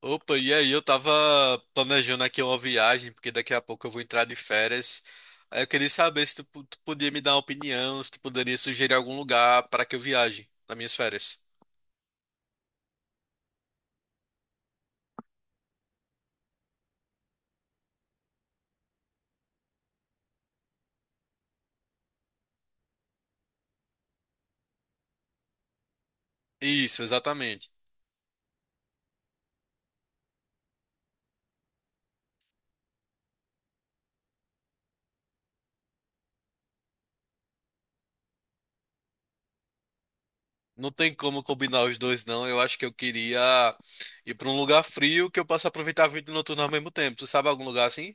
Opa, e aí? Eu tava planejando aqui uma viagem, porque daqui a pouco eu vou entrar de férias. Aí eu queria saber se tu podia me dar uma opinião, se tu poderia sugerir algum lugar para que eu viaje nas minhas férias. Isso, exatamente. Não tem como combinar os dois, não. Eu acho que eu queria ir para um lugar frio que eu possa aproveitar a vida noturna ao mesmo tempo. Tu sabe algum lugar assim?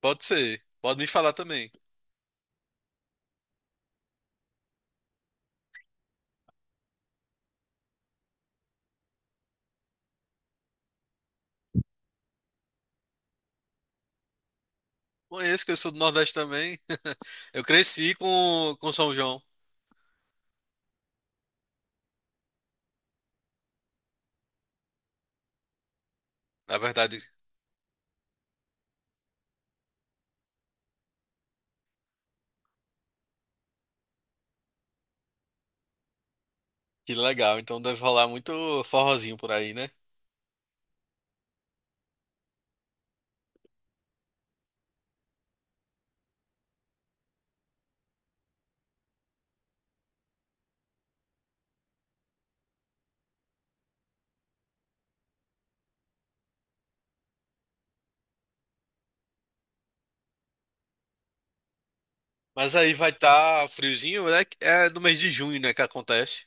Pode ser. Pode me falar também. Conheço que eu sou do Nordeste também. Eu cresci com São João. Na verdade, que legal. Então deve rolar muito forrozinho por aí, né? Mas aí vai estar friozinho, né? É do mês de junho, né, que acontece.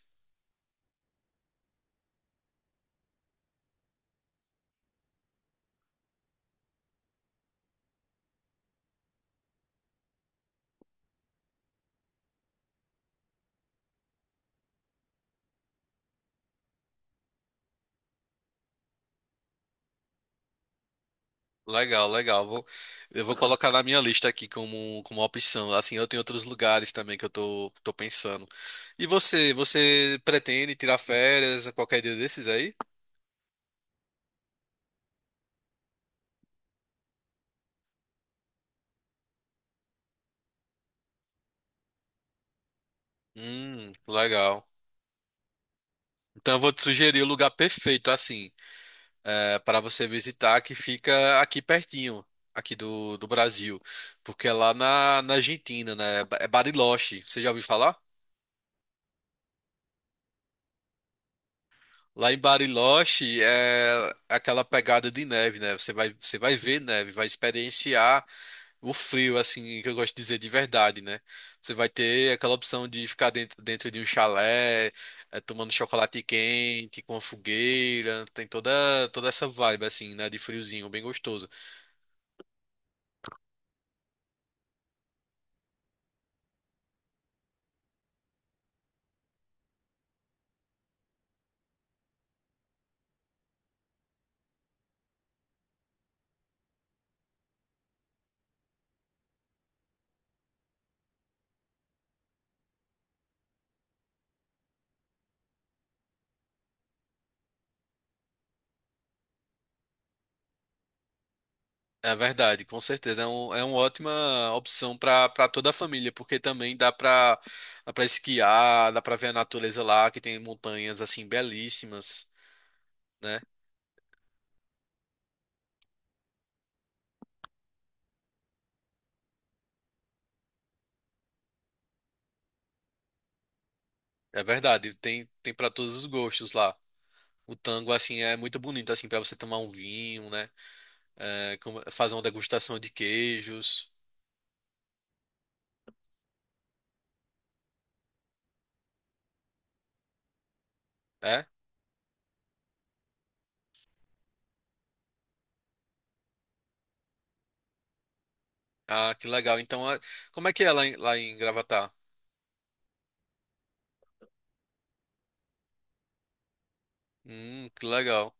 Legal, legal. Eu vou colocar na minha lista aqui como opção. Assim, eu tenho outros lugares também que eu tô pensando. E você pretende tirar férias a qualquer dia desses aí? Legal. Então eu vou te sugerir o lugar perfeito, assim, para você visitar, que fica aqui pertinho, aqui do Brasil. Porque é lá na Argentina, né? É Bariloche. Você já ouviu falar? Lá em Bariloche é aquela pegada de neve, né? Você vai ver neve, vai experienciar o frio, assim, que eu gosto de dizer de verdade, né? Você vai ter aquela opção de ficar dentro de um chalé, tomando chocolate quente, com a fogueira, toda essa vibe, assim, né? De friozinho, bem gostoso. É verdade, com certeza. É uma ótima opção para para toda a família, porque também dá para esquiar, dá para ver a natureza lá, que tem montanhas, assim, belíssimas, né? É verdade, tem para todos os gostos lá. O tango, assim, é muito bonito, assim, para você tomar um vinho, né? Fazer uma degustação de queijos. É? Ah, que legal. Então, é- como é que é lá lá em Gravatá? Que legal.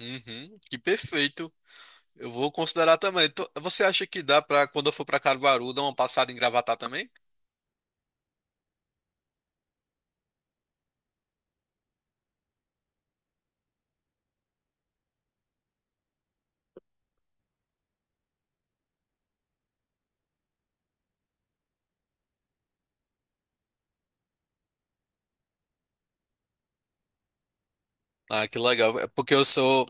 Uhum, que perfeito. Eu vou considerar também. Tô- Você acha que dá pra, quando eu for pra Caruaru, dar uma passada em Gravatá também? Ah, que legal. É Porque eu sou,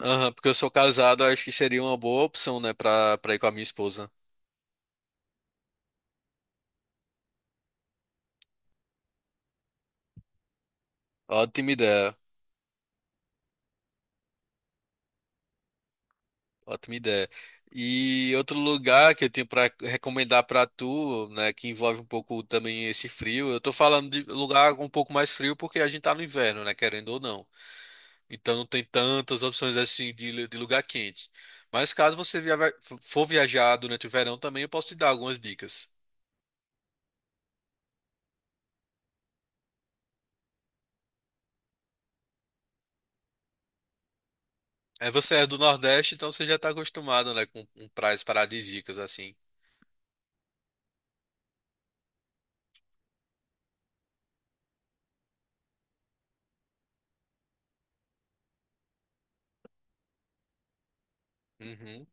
aham, Porque eu sou casado, acho que seria uma boa opção, né, pra ir com a minha esposa. Ótima ideia. Ótima ideia. E outro lugar que eu tenho para recomendar para tu, né, que envolve um pouco também esse frio. Eu tô falando de lugar um pouco mais frio porque a gente tá no inverno, né, querendo ou não. Então não tem tantas opções assim de lugar quente. Mas for viajar durante o verão também, eu posso te dar algumas dicas. É, você é do Nordeste, então você já tá acostumado, né, com praias paradisíacas assim. Uhum.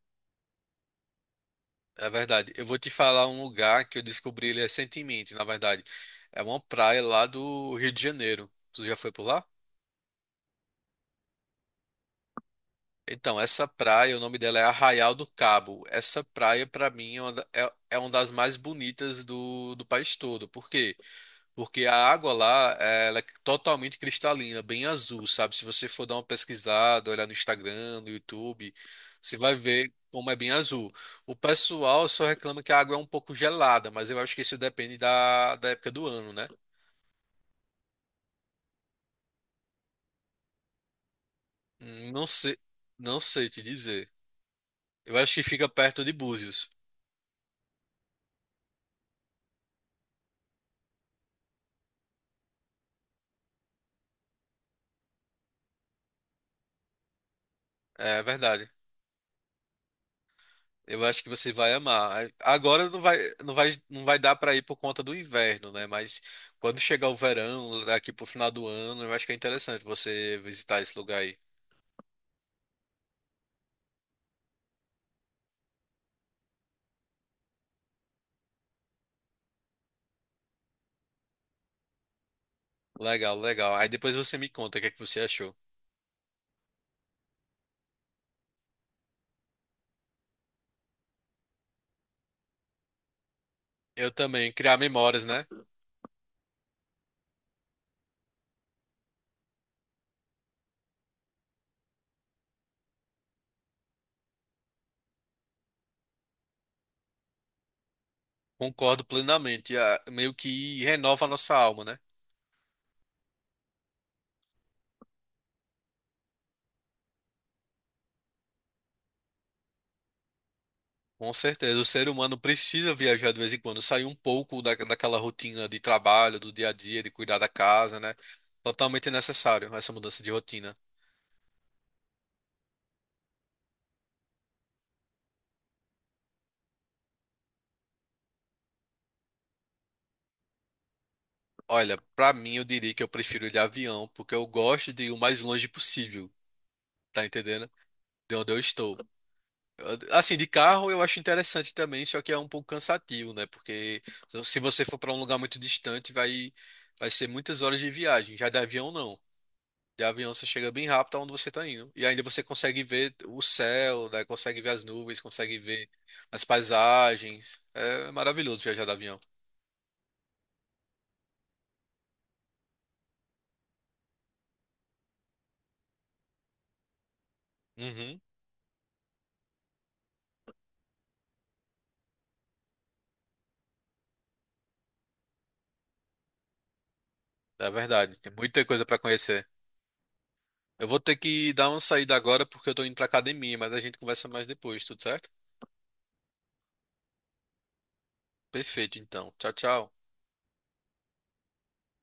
É verdade. Eu vou te falar um lugar que eu descobri ele recentemente, na verdade. É uma praia lá do Rio de Janeiro. Tu já foi por lá? Então, essa praia, o nome dela é Arraial do Cabo. Essa praia, pra mim, é uma das mais bonitas do país todo. Porque Porque a água lá, ela é totalmente cristalina, bem azul, sabe? Se você for dar uma pesquisada, olhar no Instagram, no YouTube, você vai ver como é bem azul. O pessoal só reclama que a água é um pouco gelada, mas eu acho que isso depende da época do ano, né? Não sei, não sei te dizer. Eu acho que fica perto de Búzios. É verdade. Eu acho que você vai amar. Agora não vai dar para ir por conta do inverno, né? Mas quando chegar o verão, aqui pro final do ano, eu acho que é interessante você visitar esse lugar aí. Legal, legal. Aí depois você me conta o que é que você achou. Eu também, criar memórias, né? Concordo plenamente. Ah, meio que renova a nossa alma, né? Com certeza. O ser humano precisa viajar de vez em quando, sair um pouco daquela rotina de trabalho, do dia a dia, de cuidar da casa, né? Totalmente necessário essa mudança de rotina. Olha, pra mim eu diria que eu prefiro ir de avião, porque eu gosto de ir o mais longe possível, tá entendendo? De onde eu estou. Eu- Assim, de carro eu acho interessante também, só que é um pouco cansativo, né? Porque se você for pra um lugar muito distante, vai ser muitas horas de viagem. Já de avião não. De avião você chega bem rápido aonde você tá indo. E ainda você consegue ver o céu, né? Consegue ver as nuvens, consegue ver as paisagens. É maravilhoso viajar de avião. Uhum, é verdade. Tem muita coisa pra conhecer. Eu vou ter que dar uma saída agora porque eu tô indo pra academia, mas a gente conversa mais depois, tudo certo? Perfeito, então. Tchau, tchau.